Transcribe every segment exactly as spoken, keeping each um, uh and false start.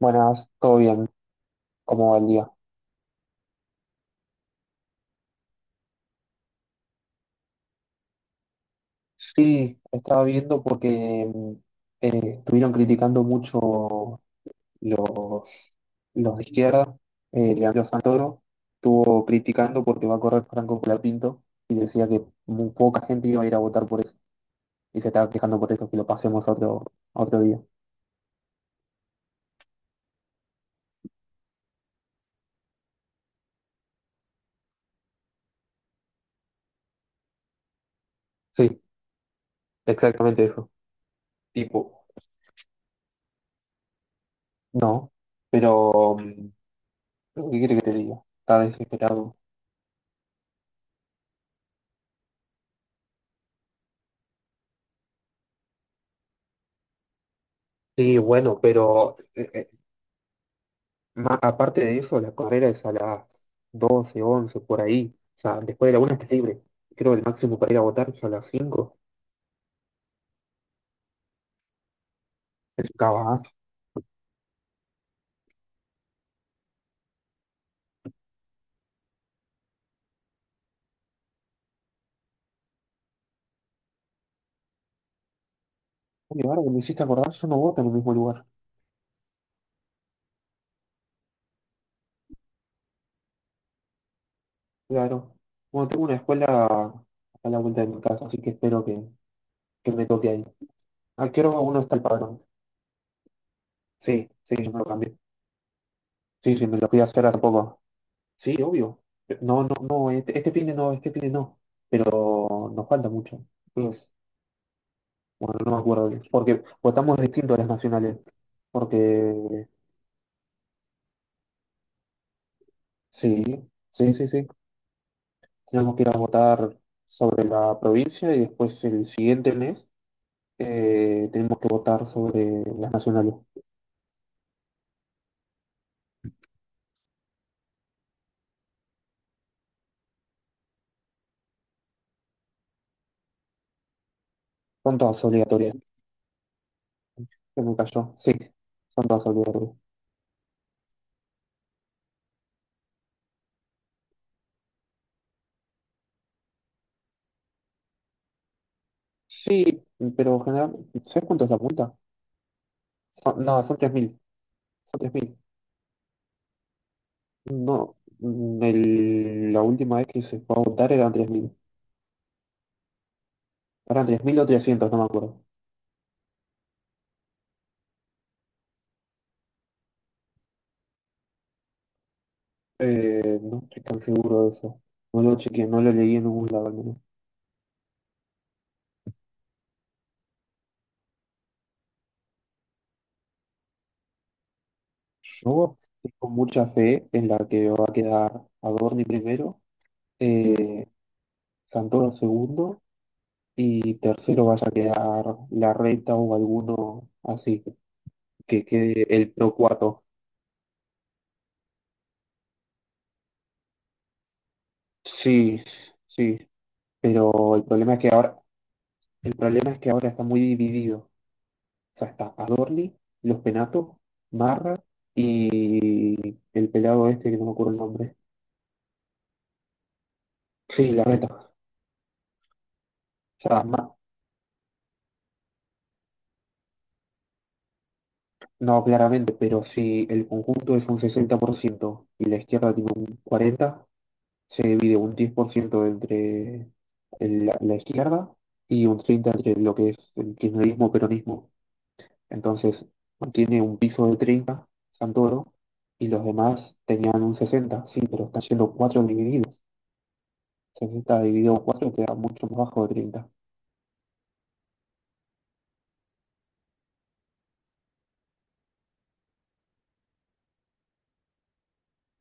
Buenas, todo bien, ¿cómo va el día? Sí, estaba viendo porque mm, eh, estuvieron criticando mucho los, los de izquierda. Eh, Leandro Santoro estuvo criticando porque va a correr Franco Colapinto y decía que muy poca gente iba a ir a votar por eso. Y se estaba quejando por eso, que lo pasemos a otro, a otro día. Sí, exactamente eso. Tipo, no, pero mm, ¿qué quiere que te diga? Está desesperado. Sí, bueno, pero eh, eh, Ma- aparte de eso, la carrera es a las doce once por ahí. O sea, después de la una estás libre. Creo que el máximo para ir a votar es a las cinco. Es un cabazo. Uy, ahora que me hiciste acordar, yo no voto en el mismo lugar. Claro. Bueno, tengo una escuela a la vuelta de mi casa, así que espero que, que me toque ahí. ¿A qué hora uno está el padrón? Sí, sí, yo me lo cambié. Sí, sí, me lo fui a hacer hace poco. Sí, obvio. No, no, no, este, este fin de no, este fin de no. Pero nos falta mucho. Bueno, no me acuerdo bien. Porque votamos distinto a las nacionales. Porque sí, sí, sí, sí. Teníamos que ir a votar sobre la provincia y después el siguiente mes eh, tenemos que votar sobre las nacionales. Son todas obligatorias. Se me cayó. Sí, son todas obligatorias. Sí, pero general, ¿sabes cuánto es la multa? Son- no, son tres mil. Son tres mil. No, mm, el- la última vez que se fue a votar eran tres mil. Eran tres mil o trescientos, no me acuerdo. Eh, no estoy tan seguro de eso. No lo chequeé, no lo leí en ningún lado al menos. Yo tengo mucha fe en la que va a quedar Adorni primero, eh, Santoro segundo y tercero vaya a quedar la reta o alguno así, que quede el PRO cuatro. Sí, sí, pero el problema es que ahora, el problema es que ahora está muy dividido. O sea, está Adorni, Los Penatos, Marra y el pelado este que no me acuerdo el nombre. Sí, la neta. O sea, ma- no claramente, pero si el conjunto es un sesenta por ciento y la izquierda tiene un cuarenta por ciento, se divide un diez por ciento entre el- la, la izquierda y un treinta por ciento entre lo que es el kirchnerismo, peronismo. Entonces, mantiene un piso de treinta Santoro, y los demás tenían un sesenta, sí, pero están siendo cuatro divididos. Sesenta dividido cuatro queda mucho más bajo de treinta.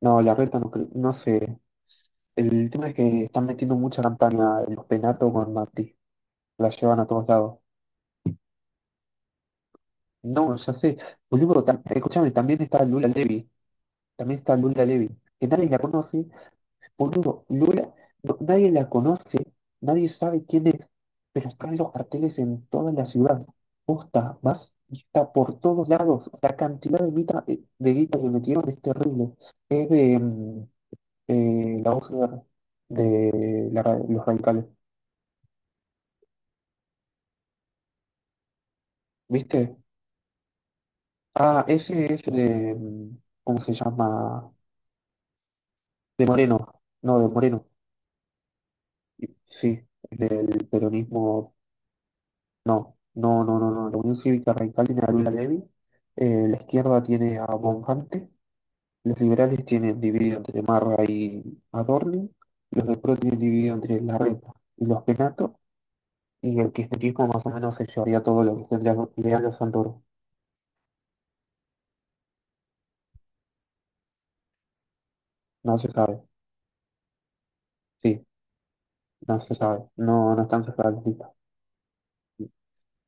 No, la reta no, cre- no sé. El tema es que están metiendo mucha campaña en los penatos con Macri. La llevan a todos lados. No, ya sé. Boludo, tam- escúchame, también está Lula Levy. También está Lula Levy. Que nadie la conoce. Boludo, Lula, no- nadie la conoce. Nadie sabe quién es. Pero están los carteles en toda la ciudad. Posta, más está por todos lados. La cantidad de guita, eh, de guita que metieron es terrible. Es de mm, eh, la voz de, de la ra- los radicales. ¿Viste? Ah, ese es de, mm, ¿cómo se llama? De Moreno, no, de Moreno, sí, del peronismo, no, no, no, no, no, la Unión Cívica Radical tiene a Lula Levy, eh, la izquierda tiene a Bonfante, los liberales tienen dividido entre Marra y Adorni, los del PRO tienen dividido entre Larreta y los Penato, y el kirchnerismo más o menos se llevaría todo lo que tendría Leandro Santoro, no se sabe, sí, no se sabe, no, no están cerradas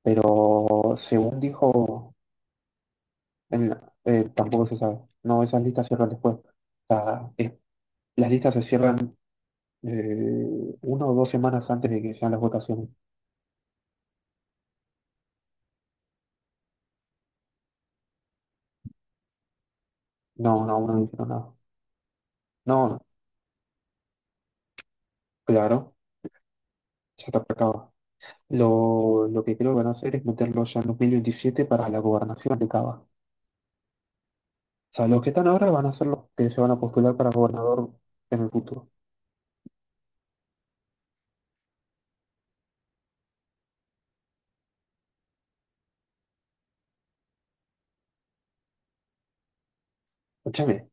pero según dijo, en la- eh, tampoco se sabe. No, esas listas cierran después. O sea, es- las listas se cierran eh, una o dos semanas antes de que sean las votaciones. No, no, aún no dijeron nada. No, no, claro, ya está acabado. Lo, lo que creo que van a hacer es meterlo ya en dos mil veintisiete para la gobernación de Cava. O sea, los que están ahora van a ser los que se van a postular para gobernador en el futuro. Escúchame,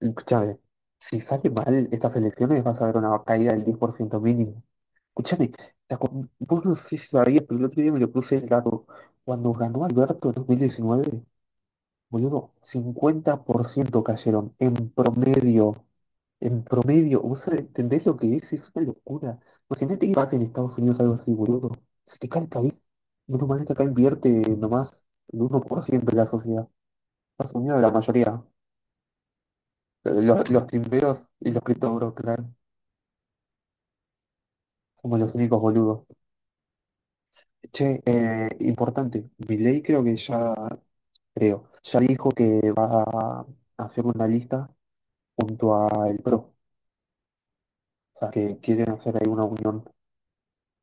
escúchame. Si sale mal estas elecciones vas a ver una caída del diez por ciento mínimo. Escúchame, ¿te acu- vos no sé si sabías, pero el otro día me lo puse el dato. Cuando ganó Alberto en dos mil diecinueve, boludo, cincuenta por ciento cayeron en promedio. En promedio, ¿vos sabés- entendés lo que es? Es una locura. Imagínate que pasa en Estados Unidos algo así, boludo. Se te cae el país. Menos mal que acá invierte nomás el uno por ciento de la sociedad. Estados Unidos, la mayoría. Los, los timberos y los criptoburos, claro. Somos los únicos boludos. Che, eh, importante, Milei creo que ya creo. Ya dijo que va a hacer una lista junto a el PRO, o sea, que quieren hacer ahí una unión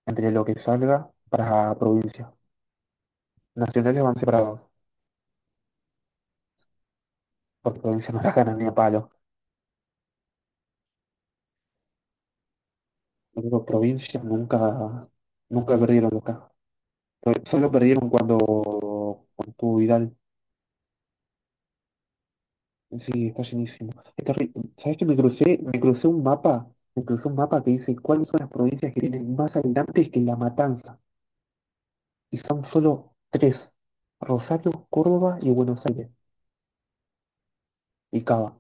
entre lo que salga para provincia. Nacionales van separados, porque provincia no la ganan ni a palo. Digo, provincia nunca, nunca perdieron acá. Pero solo perdieron cuando, cuando estuvo Vidal. Sí, está llenísimo. está terri- ¿Sabes que me crucé, me crucé un mapa? Me crucé un mapa que dice cuáles son las provincias que tienen más habitantes que La Matanza. Y son solo tres, Rosario, Córdoba y Buenos Aires, y Cava.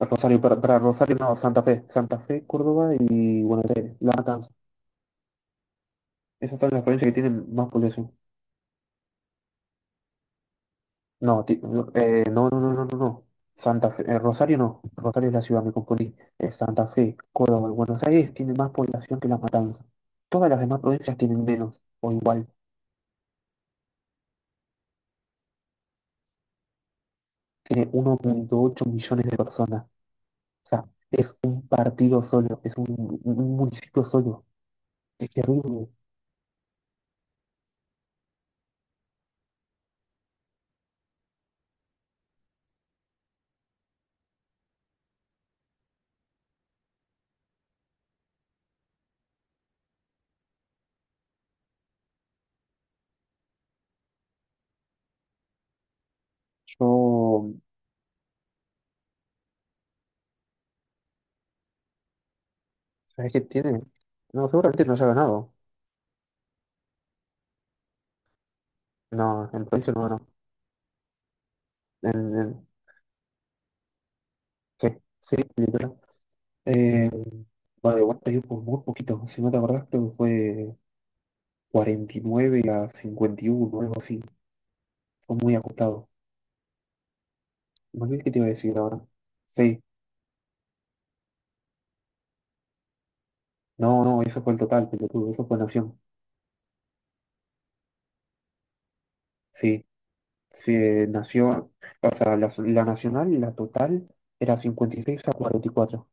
Rosario, para, para Rosario no, Santa Fe, Santa Fe, Córdoba y Buenos Aires, La Matanza. Esas son las provincias que tienen más población. No, ti- no, eh, no, no, no, no, no, no. Santa Fe, eh, Rosario no, Rosario es la ciudad, me confundí. Eh, Santa Fe, Córdoba y Buenos Aires tienen más población que La Matanza. Todas las demás provincias tienen menos, o igual, tiene uno punto ocho millones de personas. O sea, es un partido solo, es un, un municipio solo. Es terrible. Yo, ¿sabes qué tiene? No, seguramente no se ha ganado. No, en provincia no ganó. En, en- sí, sí, literal. Eh, bueno, igual perdió por muy poquito. Si no te acordás, creo que fue cuarenta y nueve a cincuenta y uno algo así. Fue muy ajustado. No olvidé qué te iba a decir ahora. Sí, no, no, eso fue el total, pelotudo. Eso fue Nación. Sí, sí, eh, Nación. O sea, la, la Nacional, la total, era cincuenta y seis a cuarenta y cuatro.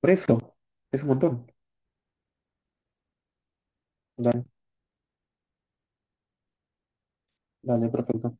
Por eso, es un montón. Dale, perfecto.